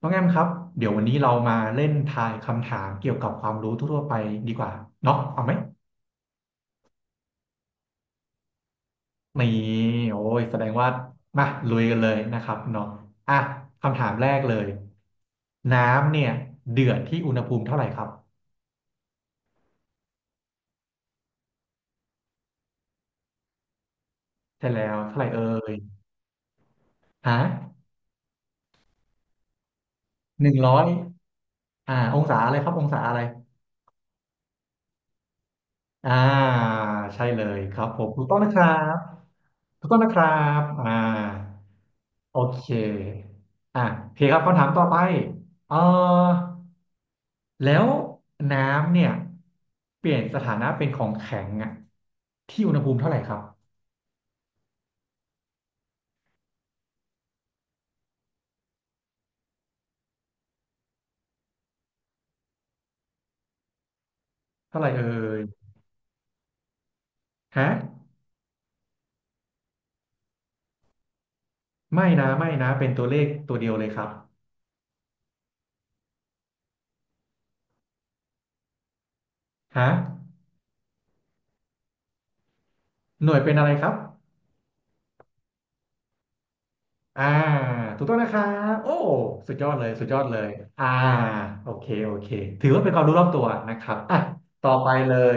น้องแอมครับเดี๋ยววันนี้เรามาเล่นทายคำถามเกี่ยวกับความรู้ทั่วๆไปดีกว่าเนาะเอาไหมนี่โอ้ยแสดงว่ามาลุยกันเลยนะครับเนาะอ่ะคำถามแรกเลยน้ำเนี่ยเดือดที่อุณหภูมิเท่าไหร่ครับใช่แล้วเท่าไหร่เอ่ยฮะ100องศาอะไรครับองศาอะไร อ่าใช่เลยครับผมถูกต้องนะครับถูกต้องนะครับโอเคโอเคครับคำถามต่อไปเออแล้วน้ำเนี่ยเปลี่ยนสถานะเป็นของแข็งอะที่อุณหภูมิเท่าไหร่ครับเท่าไหร่เอ่ยฮะไม่นะไม่นะเป็นตัวเลขตัวเดียวเลยครับฮะหน่วยเป็นอะไรครับ อ่าถูกต้องนะครับโอ้สุดยอดเลยสุดยอดเลยอ่าโอเคโอเคถือว่าเป็นความรู้รอบตัวนะครับต่อไปเลย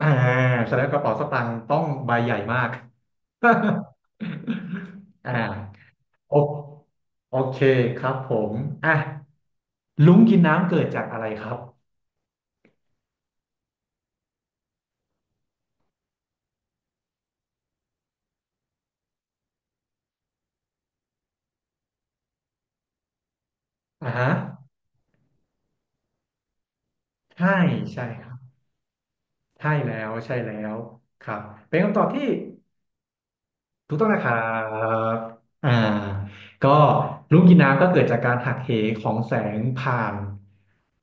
อ่าแสดงว่ากระเป๋าสตางค์ต้องใบใหญ่มาก อ่าโอโอเคครับผมอ่ะลุงกินน้ำเกิดจากอะไรครับอ่าฮะใช่ใช่ครับใช่แล้วใช่แล้วครับเป็นคำตอบที่ ถูกต้องนะครับอ่าก็ลูกกินน้ำก็เกิดจากการหักเหของแสงผ่าน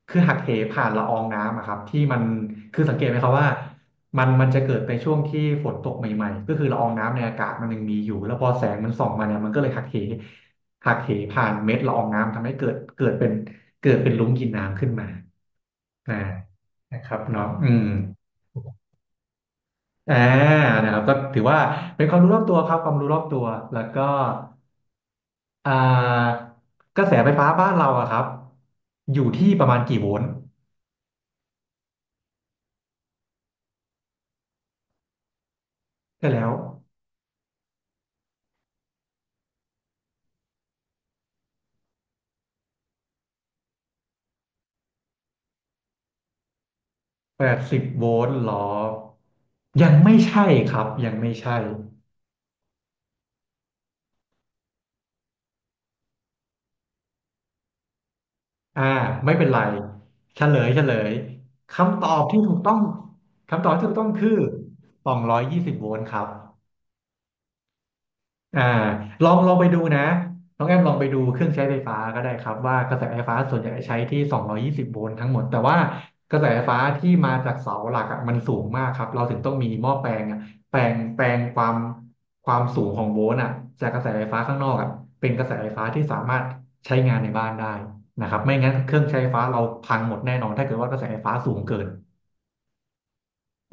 คือหักเหผ่านละอองน้ำอะครับที่มันคือสังเกตไหมครับว่ามันจะเกิดในช่วงที่ฝนตกใหม่ๆก็คือละอองน้ำในอากาศมันยังมีอยู่แล้วพอแสงมันส่องมาเนี่ยมันก็เลยหักเหหักเหผ่านเม็ดละอองน้ำทำให้เกิดเป็นเกิดเป็นลุ้งกินน้ำขึ้นมาอ่านะครับเนาะอืมอ่านะครับก็ถือว่าเป็นความรู้รอบตัวครับความรู้รอบตัวแล้วก็ อ่ากระแสไฟฟ้าบ้านเราอะครับอยู่ที่ประมาณกี่โวลต์ได้แล้ว80 โวลต์หรอยังไม่ใช่ครับยังไม่ใช่อ่าไม่เป็นไรเฉลยเฉลยคำตอบที่ถูกต้องคำตอบที่ถูกต้องคือ220 โวลต์ครับ อ่าลองลองไปดูนะน้องแอมลองไปดูเครื่องใช้ไฟฟ้าก็ได้ครับว่ากระแสไฟฟ้าส่วนใหญ่ใช้ที่220โวลต์ทั้งหมดแต่ว่ากระแสไฟฟ้าที่มาจากเสาหลักอะมันสูงมากครับเราถึงต้องมีหม้อแปลงอะแปลงความความสูงของโวลต์อะจากกระแสไฟฟ้าข้างนอกอะเป็นกระแสไฟฟ้าที่สามารถใช้งานในบ้านได้นะครับไม่งั้นเครื่องใช้ไฟฟ้าเราพังหมดแน่นอนถ้าเกิดว่ากระแสไฟฟ้าสูงเกิน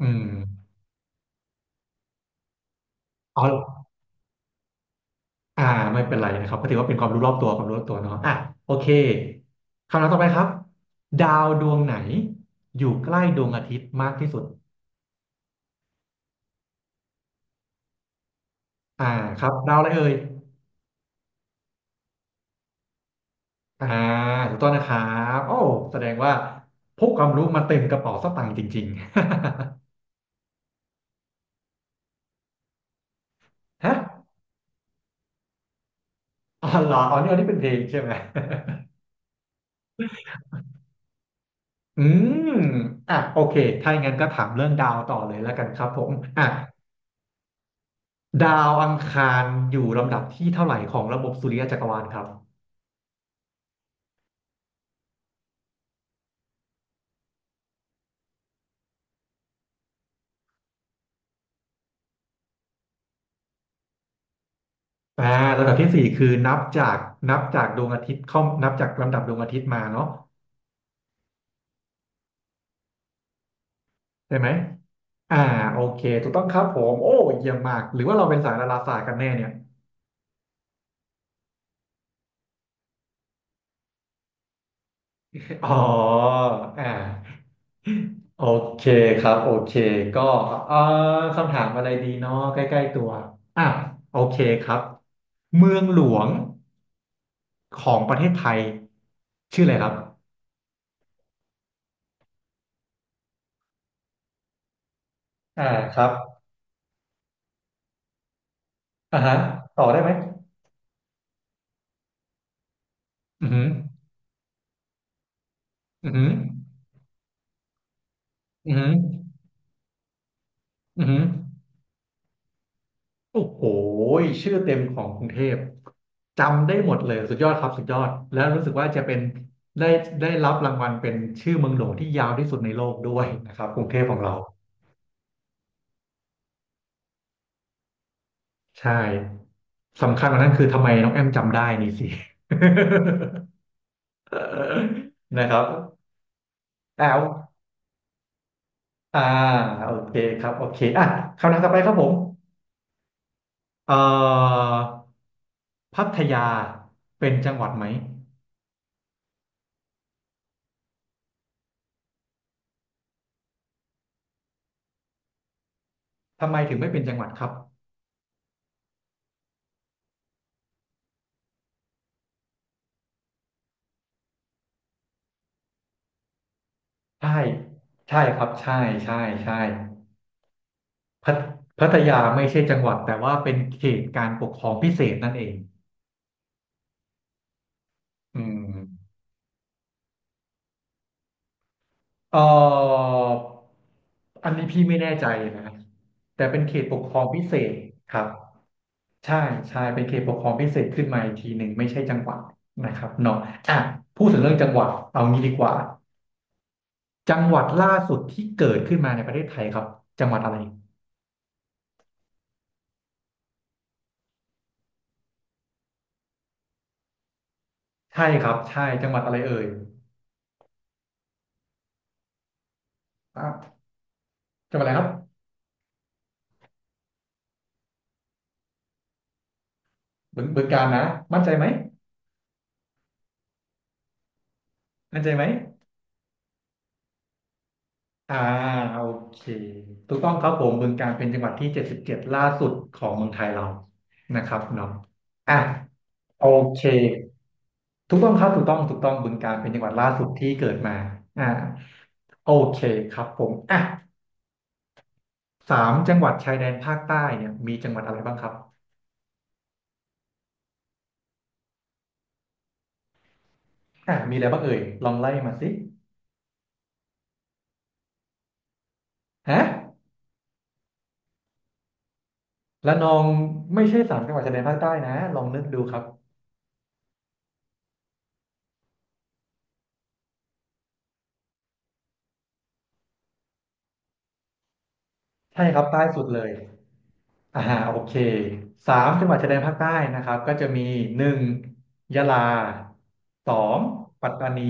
อืมออ อ่าไม่เป็นไรนะครับก็ถือว่าเป็นความรู้รอบตัวความรู้รอบตัวเนาะโอเคคำถามต่อไปครับดาวดวงไหนอยู่ใกล้ดวงอาทิตย์มากที่สุดอ่าครับดาวอะไรเอ่ยอ่าถูกต้องนะครับโอ้แสดงว่าพกความรู้มาเต็มกระเป๋าสตางค์จริงๆ ฮะอ๋อเหรออ๋อนี่อันนี้เป็นเพลงใช่ไหม อืมโอเคถ้าอย่างนั้นก็ถามเรื่องดาวต่อเลยแล้วกันครับผมอ่ะดาวอังคารอยู่ลำดับที่เท่าไหร่ของระบบสุริยะจักรวาลครับ อ่าลำดับที่สี่คือนับจากดวงอาทิตย์เข้านับจากลำดับดวงอาทิตย์มาเนาะใช่ไหมอ่าโอเคถูกต้องครับผมโอ้เยี่ยมมากหรือว่าเราเป็นสายดาราศาสตร์กันแน่เนี่ยอ๋ออ่าโอเคครับโอเคก็เอ่อคำถามอะไรดีเนาะใกล้ๆตัวอ่ะโอเคครับเมืองหลวงของประเทศไทยชื่ออะไรครับอ่าครับอ่าฮะต่อได้ไหมอือหืออือหือ อือหืออือหือโอ้โหชื่อเต็มของกรุงเทพจำได้หมดเลยสุดยอดครับสุดยอดแล้วรู้สึกว่าจะเป็นได้ได้รับรางวัลเป็นชื่อเมืองหลวงที่ยาวที่สุดในโลกด้วยนะครับกรุงเทพของเราใช่สำคัญกว่านั้นคือทำไมน้องแอมจำได้นี่สิ นะครับแล้วอ่าโอเคครับโอเคคำถามต่อไปครับผมเอ่อพัทยาเป็นจังหวัดไหม ทำไมถึงไม่เป็นจังหวัดครับใช่ใช่ครับใช่ใช่ใช่พัทพัทยาไม่ใช่จังหวัดแต่ว่าเป็นเขตการปกครองพิเศษนั่นเองอืมเอ่ออันนี้พี่ไม่แน่ใจนะแต่เป็นเขตปกครองพิเศษครับใช่ใช่เป็นเขตปกครองพิเศษขึ้นมาอีกทีหนึ่งไม่ใช่จังหวัดนะครับเนาะอ่ะพูดถึงเรื่องจังหวัดเอางี้ดีกว่าจังหวัดล่าสุดที่เกิดขึ้นมาในประเทศไทยครับจังหวัดอะไรใช่ครับใช่จังหวัดอะไรเอ่ย จบอะไรครับบึงบการนะมั่นใจไหมมั่นใจไหมอ่าโอเคถูกต้องครับผมบึงกาฬเป็นจังหวัดที่77ล่าสุดของเมืองไทยเรานะครับเนาะอ่ะโอเคถูกต้องครับถูกต้องถูกต้องบึงกาฬเป็นจังหวัดล่าสุดที่เกิดมาอ่าโอเคครับผมอ่ะสามจังหวัดชายแดนภาคใต้เนี่ยมีจังหวัดอะไรบ้างครับอ่ะมีอะไรบ้างเอ่ยลองไล่มาสิฮะระนองไม่ใช่สามจังหวัดชายแดนภาคใต้นะลองนึกดูครับ ใช่ครับใต้สุดเลยอ่าโอเคสามจังหวัดชายแดนภาคใต้นะครับก็จะมีหนึ่งยะลาสองปัตตานี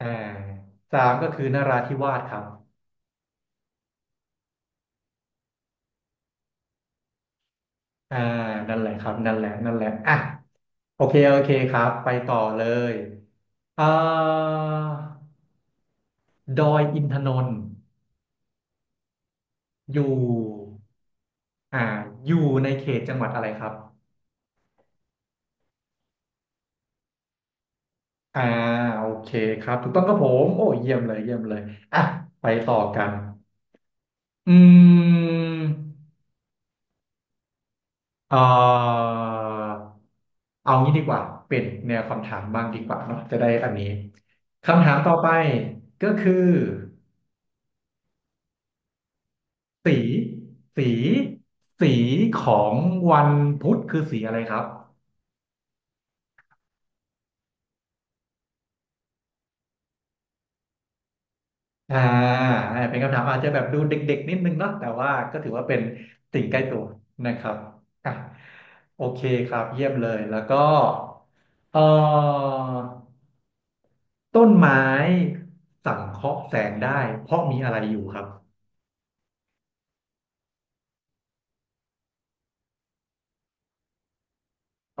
อ่าสามก็คือนราธิวาสครับอ่านั่นแหละครับนั่นแหละนั่นแหละอ่ะโอเคโอเคครับไปต่อเลยเอ่อดอยอินทนนท์อยู่อ่าอยู่ในเขตจังหวัดอะไรครับอ่าโอเคครับถูกต้องครับผมโอ้เยี่ยมเลยเยี่ยมเลยอ่ะไปต่อกัน อืมเอ่อเอางี้ดีกว่าเป็นแนวคำถามบ้างดีกว่าเนาะจะได้อันนี้คำถามต่อไปก็คือสีสีสีของวันพุธคือสีอะไรครับอ่าเป็นคำถามอาจจะแบบดูเด็กๆนิดนึงเนาะแต่ว่าก็ถือว่าเป็นสิ่งใกล้ตัวนะครับอ่ะโอเคครับเยี่ยมเลยแล้วก็เอ่อ ต้นไม้สังเคราะห์แสงได้เพราะมีอะไรอยู่ครับ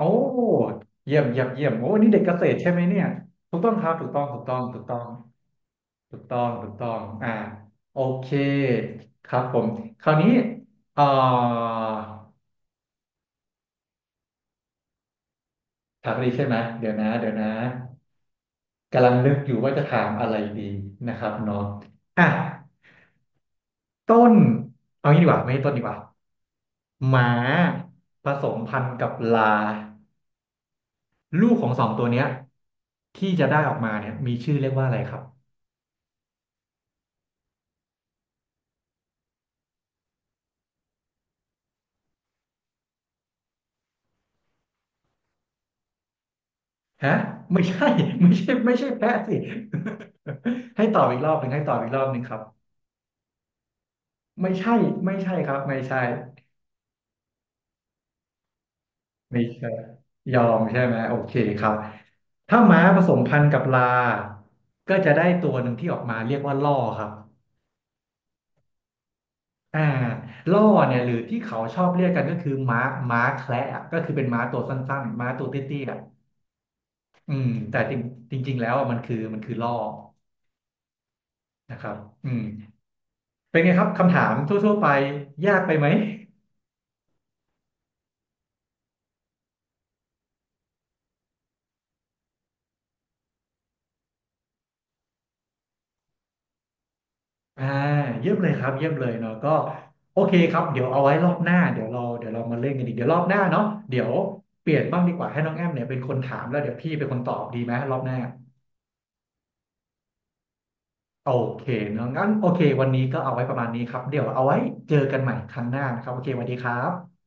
โอ้เยี่ยมเยี่ยมเยี่ยมโอ้นี่เด็กเกษตรใช่ไหมเนี่ยถูกต้องครับถูกต้องถูกต้องถูกต้องถูกต้องถูกต้องโอเคครับผมคราวนี้เอ่อถามอะไรใช่ไหมเดี๋ยวนะเดี๋ยวนะกำลังนึกอยู่ว่าจะถามอะไรดีนะครับเนาะอ่ะต้นเอางี้ดีกว่าไม่ใช่ต้นดีกว่าหมาผสมพันธุ์กับลา ลูกของสองตัวเนี้ยที่จะได้ออกมาเนี่ยมีชื่อเรียกว่าอะไรครับฮะไม่ใช่ ไม่ใช่ไม่ใช่แพะสิ ให้ตอบอีกรอบหนึ่งให้ตอบอีกรอบหนึ่งครับไม่ใช่ไม่ใช่ครับไม่ใช่ไม่ใช่ยอมใช่ไหมโอเคครับถ้าม้าผสมพันธุ์กับลาก็จะได้ตัวหนึ่งที่ออกมาเรียกว่าล่อครับอ่าล่อเนี่ยหรือที่เขาชอบเรียกกันก็คือม้าแคระอะก็คือเป็นม้าตัวสั้นๆม้าตัวเตี้ยๆอะ แต่จริงจริงๆแล้วอะมันคือล่อนะครับอืมเป็นไงครับคำถามทั่วๆไปยากไปไหมอ่าเยี่ยมเลยครับเยี่ยมเลยเนาะก็โอเคครับเดี๋ยวเอาไว้รอบหน้าเดี๋ยวเรามาเล่นกันอีกเดี๋ยวรอบหน้าเนาะเดี๋ยวเปลี่ยนบ้างดีกว่าให้น้องแอมเนี่ยเป็นคนถามแล้วเดี๋ยวพี่เป็นคนตอบดีไหมรอบหน้าโอเคเนาะงั้นโอเควันนี้ก็เอาไว้ประมาณนี้ครับเดี๋ยวเอาไว้เจอกันใหม่ครั้งหน้านะครับโอเคสวัสดีครับ